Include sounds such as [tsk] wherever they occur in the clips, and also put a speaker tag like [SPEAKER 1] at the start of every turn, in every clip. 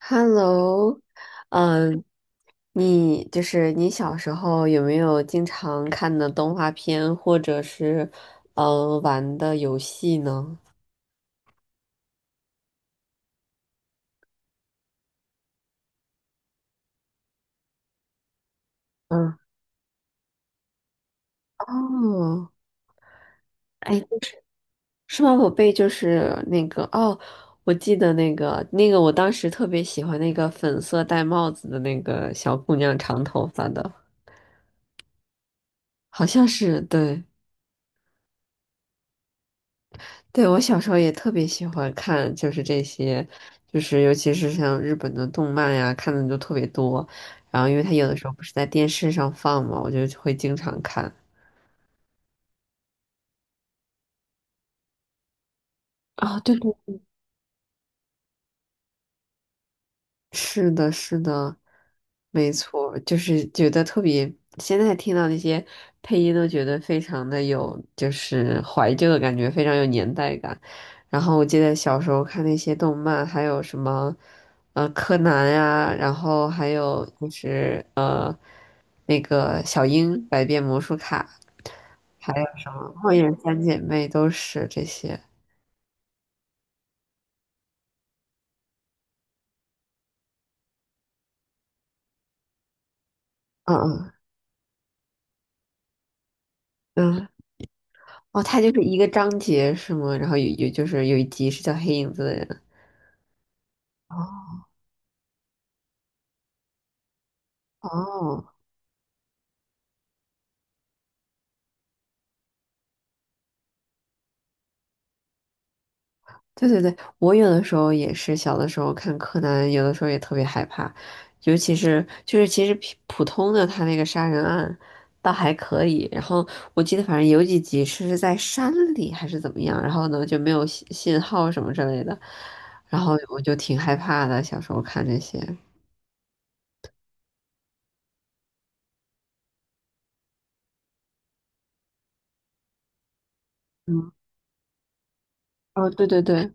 [SPEAKER 1] Hello，嗯，你就是你小时候有没有经常看的动画片，或者是玩的游戏呢？嗯，哦，哎，数码宝贝就是那个哦，我记得那个，我当时特别喜欢那个粉色戴帽子的那个小姑娘，长头发的，好像是对。对，我小时候也特别喜欢看，就是这些，就是尤其是像日本的动漫呀，看的就特别多。然后，因为它有的时候不是在电视上放嘛，我就会经常看。啊、对对，是的，是的，没错，就是觉得特别，现在听到那些配音都觉得非常的有，就是怀旧的感觉，非常有年代感。然后我记得小时候看那些动漫，还有什么，柯南呀、然后还有就是那个小樱、百变魔术卡，还有什么《火影三姐妹》都是这些。嗯嗯嗯，哦，它就是一个章节是吗？然后有就是有一集是叫黑影子的人。哦哦，对对对，我有的时候也是，小的时候看柯南，有的时候也特别害怕，尤其是就是其实普通的他那个杀人案倒还可以，然后我记得反正有几集是在山里还是怎么样，然后呢就没有信号什么之类的，然后我就挺害怕的，小时候看这些。嗯，哦，对对对，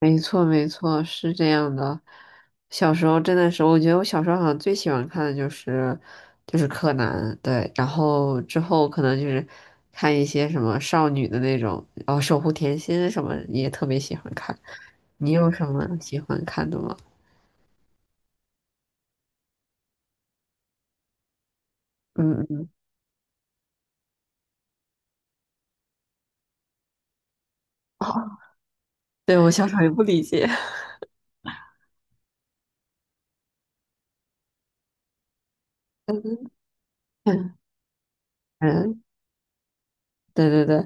[SPEAKER 1] 没错，没错，是这样的。小时候真的是，我觉得我小时候好像最喜欢看的就是柯南，对，然后之后可能就是看一些什么少女的那种，然后守护甜心什么也特别喜欢看。你有什么喜欢看的吗？嗯，[laughs] 嗯，哦，对，我小时候也不理解，[laughs] 嗯。对对对，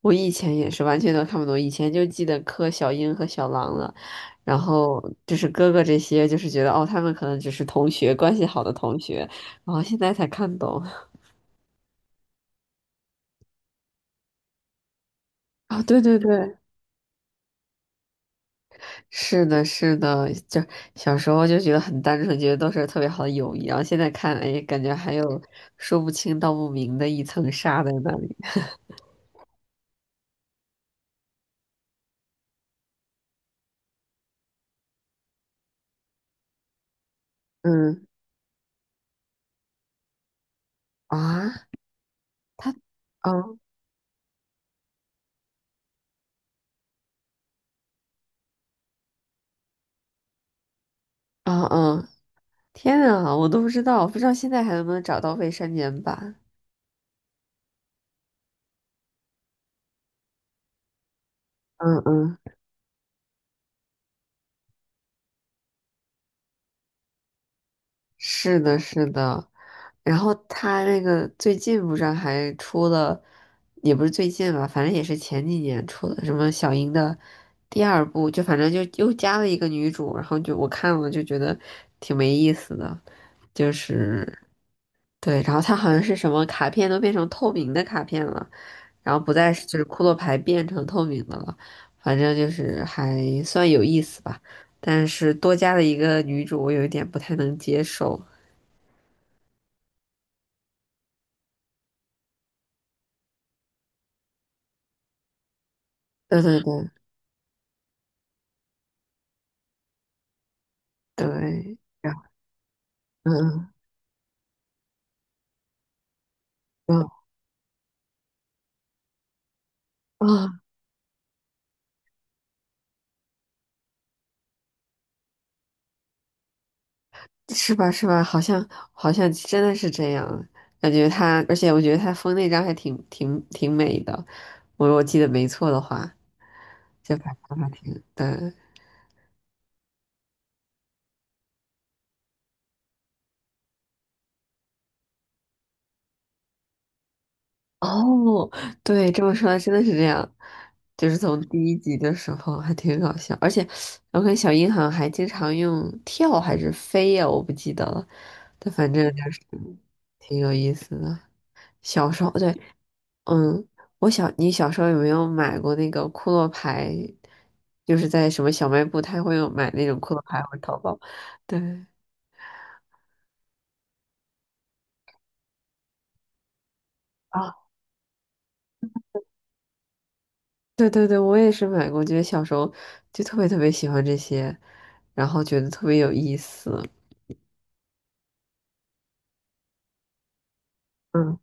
[SPEAKER 1] 我以前也是完全都看不懂，以前就记得柯小英和小狼了，然后就是哥哥这些，就是觉得哦，他们可能只是同学，关系好的同学，然后现在才看懂。[laughs] 啊、对对对，是的，是的，就小时候就觉得很单纯，觉得都是特别好的友谊，然后现在看，哎，感觉还有说不清道不明的一层纱在那里。嗯啊，他，嗯啊嗯，天啊，我都不知道，不知道现在还能不能找到未删减版。嗯嗯，是的，是的。然后他那个最近不是还出了，也不是最近吧，反正也是前几年出的什么小樱的第二部，就反正就又加了一个女主，然后就我看了就觉得挺没意思的，就是对，然后他好像是什么卡片都变成透明的卡片了，然后不再是就是骷髅牌变成透明的了，反正就是还算有意思吧。但是多加了一个女主，我有一点不太能接受。对对对对，然后嗯嗯啊，是吧是吧？好像好像真的是这样，感觉他，而且我觉得他封那张还挺美的，我记得没错的话，就反正还挺对。哦，对，这么说来真的是这样，就是从第一集的时候还挺搞笑，而且我看小樱好像还经常用跳还是飞呀，我不记得了，但反正就是挺有意思的。小时候，对，嗯，我小，你小时候有没有买过那个库洛牌？就是在什么小卖部，他会有买那种库洛牌或者淘宝。对啊，对对对，我也是买过，觉得小时候就特别特别喜欢这些，然后觉得特别有意思。嗯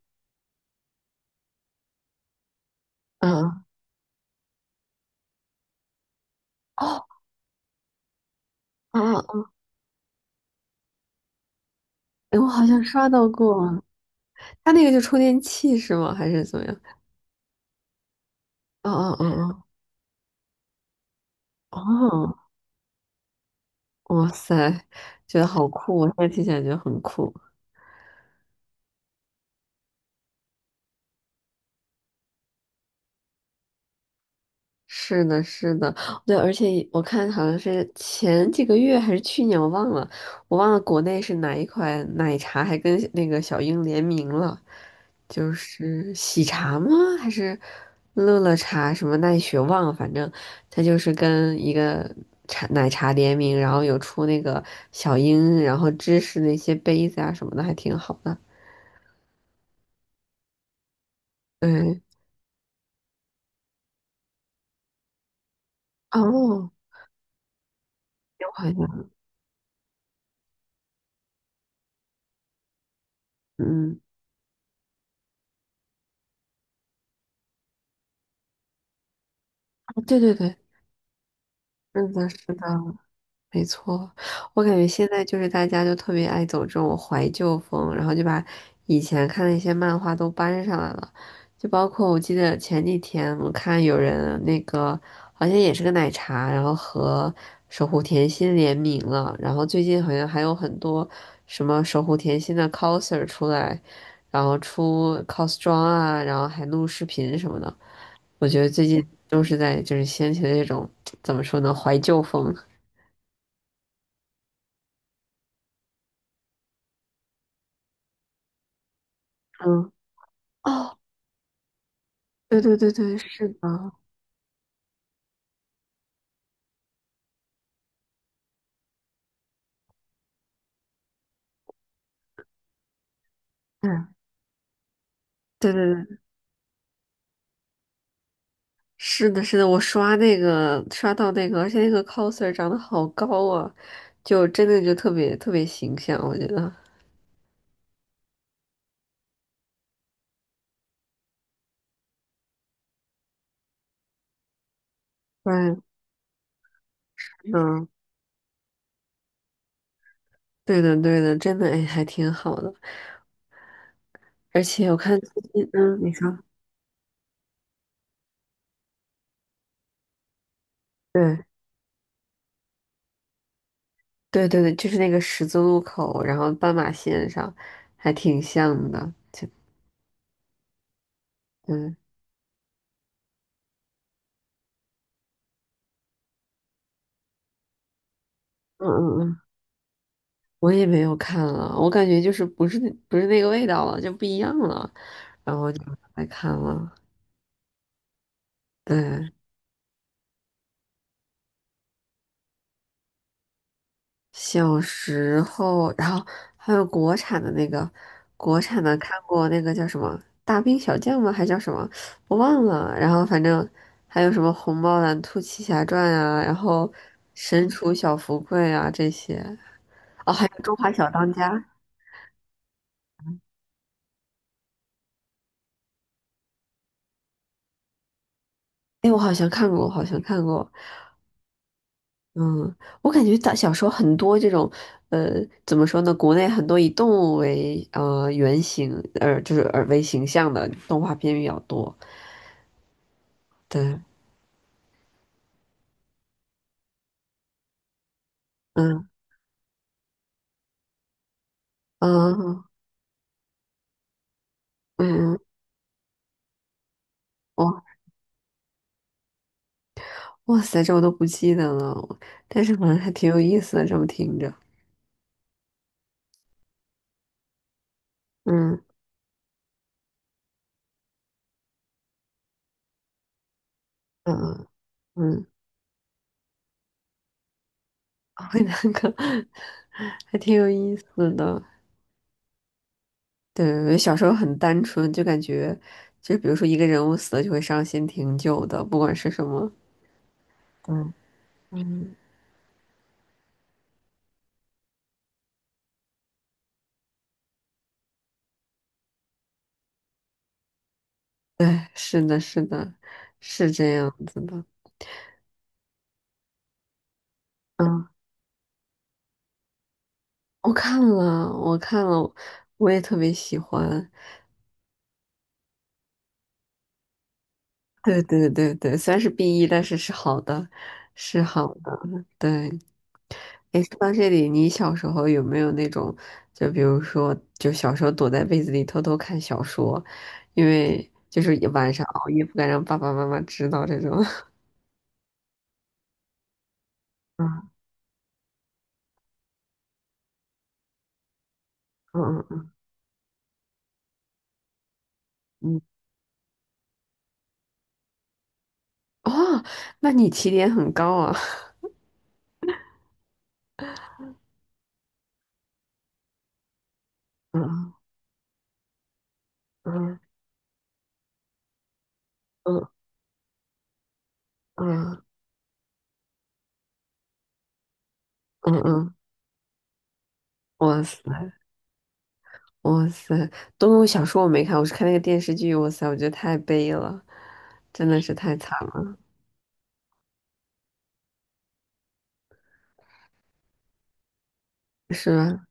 [SPEAKER 1] 嗯哦啊，哎我好像刷到过，他那个就充电器是吗？还是怎么样？哦哦哦哦哦，哇塞，觉得好酷！我现在听起来觉得很酷。是的，是的，对，而且我看好像是前几个月还是去年，我忘了，我忘了国内是哪一款奶茶还跟那个小鹰联名了，就是喜茶吗？还是乐乐茶什么奈雪忘了，反正它就是跟一个茶奶茶联名，然后有出那个小鹰，然后芝士那些杯子啊什么的，还挺好的。对，哦，有好像，嗯，啊对对对，是的，是的。没错，我感觉现在就是大家就特别爱走这种怀旧风，然后就把以前看的一些漫画都搬上来了，就包括我记得前几天我看有人那个好像也是个奶茶，然后和守护甜心联名了，然后最近好像还有很多什么守护甜心的 coser 出来，然后出 cos 装啊，然后还录视频什么的，我觉得最近都是在就是掀起了这种 [tsk] 怎么说呢怀旧风，嗯。哦。对对对对，是的，嗯，对对对，是的，是的，我刷那个刷到那个，而且那个 coser 长得好高啊，就真的就特别特别形象，我觉得。嗯 [laughs] 嗯，对的对的，真的哎，还挺好的。而且我看最近，嗯，你说，对对对对，就是那个十字路口，然后斑马线上，还挺像的。嗯嗯嗯嗯，我也没有看了，我感觉就是不是那个味道了，就不一样了，然后我就不来看了。嗯，小时候，然后还有国产的那个，国产的看过那个叫什么《大兵小将》吗？还叫什么？我忘了。然后反正还有什么《虹猫蓝兔七侠传》啊，然后《神厨小福贵》啊这些。哦，还有《中华小当家》。哎，我好像看过，我好像看过。嗯，我感觉大小时候很多这种，呃，怎么说呢？国内很多以动物为原型，就是为形象的动画片比较多。对，嗯嗯嗯，嗯嗯哇哇塞，这我都不记得了，但是好像还挺有意思的，这么听着，嗯嗯嗯，会那个 [laughs] 还挺有意思的。对，小时候很单纯，就感觉就比如说一个人物死了就会伤心挺久的，不管是什么，嗯嗯，对，是的，是的，是这样子的。嗯，我看了，我看了，我也特别喜欢。对对对对，虽然是 BE，但是是好的，是好的。对，诶，说到这里，你小时候有没有那种，就比如说，就小时候躲在被子里偷偷看小说，因为就是晚上熬夜不敢让爸爸妈妈知道这种。[laughs] 嗯嗯嗯嗯，哦，那你起点很高啊。[laughs] 嗯嗯嗯嗯嗯嗯，哇塞哇塞，东小说我没看，我是看那个电视剧，哇塞，我觉得太悲了，真的是太惨。是吧？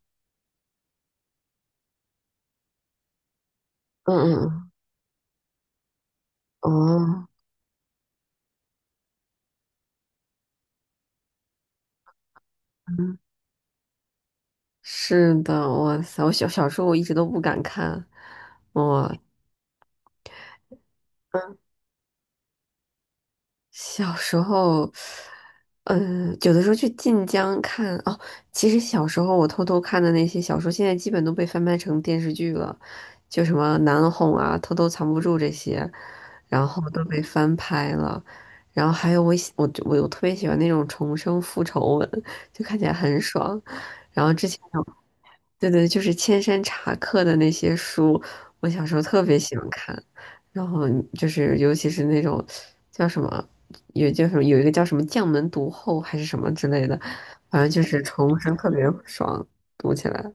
[SPEAKER 1] 嗯嗯嗯，哦，嗯，是的，哇塞，我小时候我一直都不敢看，我。小时候，嗯，有的时候去晋江看哦。其实小时候我偷偷看的那些小说，现在基本都被翻拍成电视剧了，就什么《难哄》啊，《偷偷藏不住》这些，然后都被翻拍了。然后还有我特别喜欢那种重生复仇文，就看起来很爽。然后之前有对对，就是千山茶客的那些书，我小时候特别喜欢看。然后就是尤其是那种叫什么，有叫什么，有一个叫什么将门毒后还是什么之类的，反正就是重生特别爽，读起来。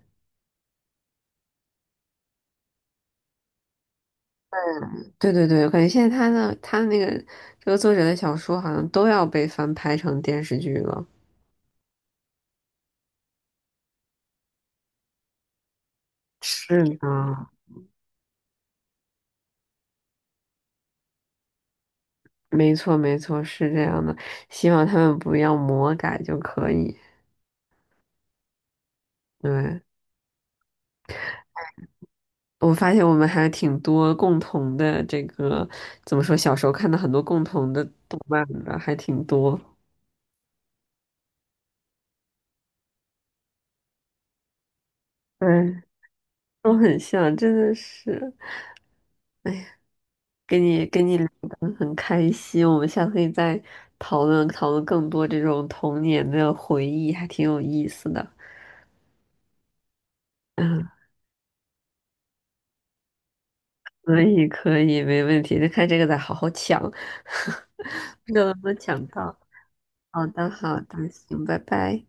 [SPEAKER 1] 对对对，我感觉现在他的那个这个作者的小说好像都要被翻拍成电视剧了。是呢，没错没错，是这样的。希望他们不要魔改就可以。对，我发现我们还挺多共同的这个，怎么说，小时候看的很多共同的动漫的，还挺多。嗯，都很像，真的是，哎呀，跟你聊得很开心，我们下次可以再讨论讨论更多这种童年的回忆，还挺有意思的。嗯，可以可以，没问题，就看这个再好好抢，[laughs] 不知道能不能抢到。好的好的，行，拜拜。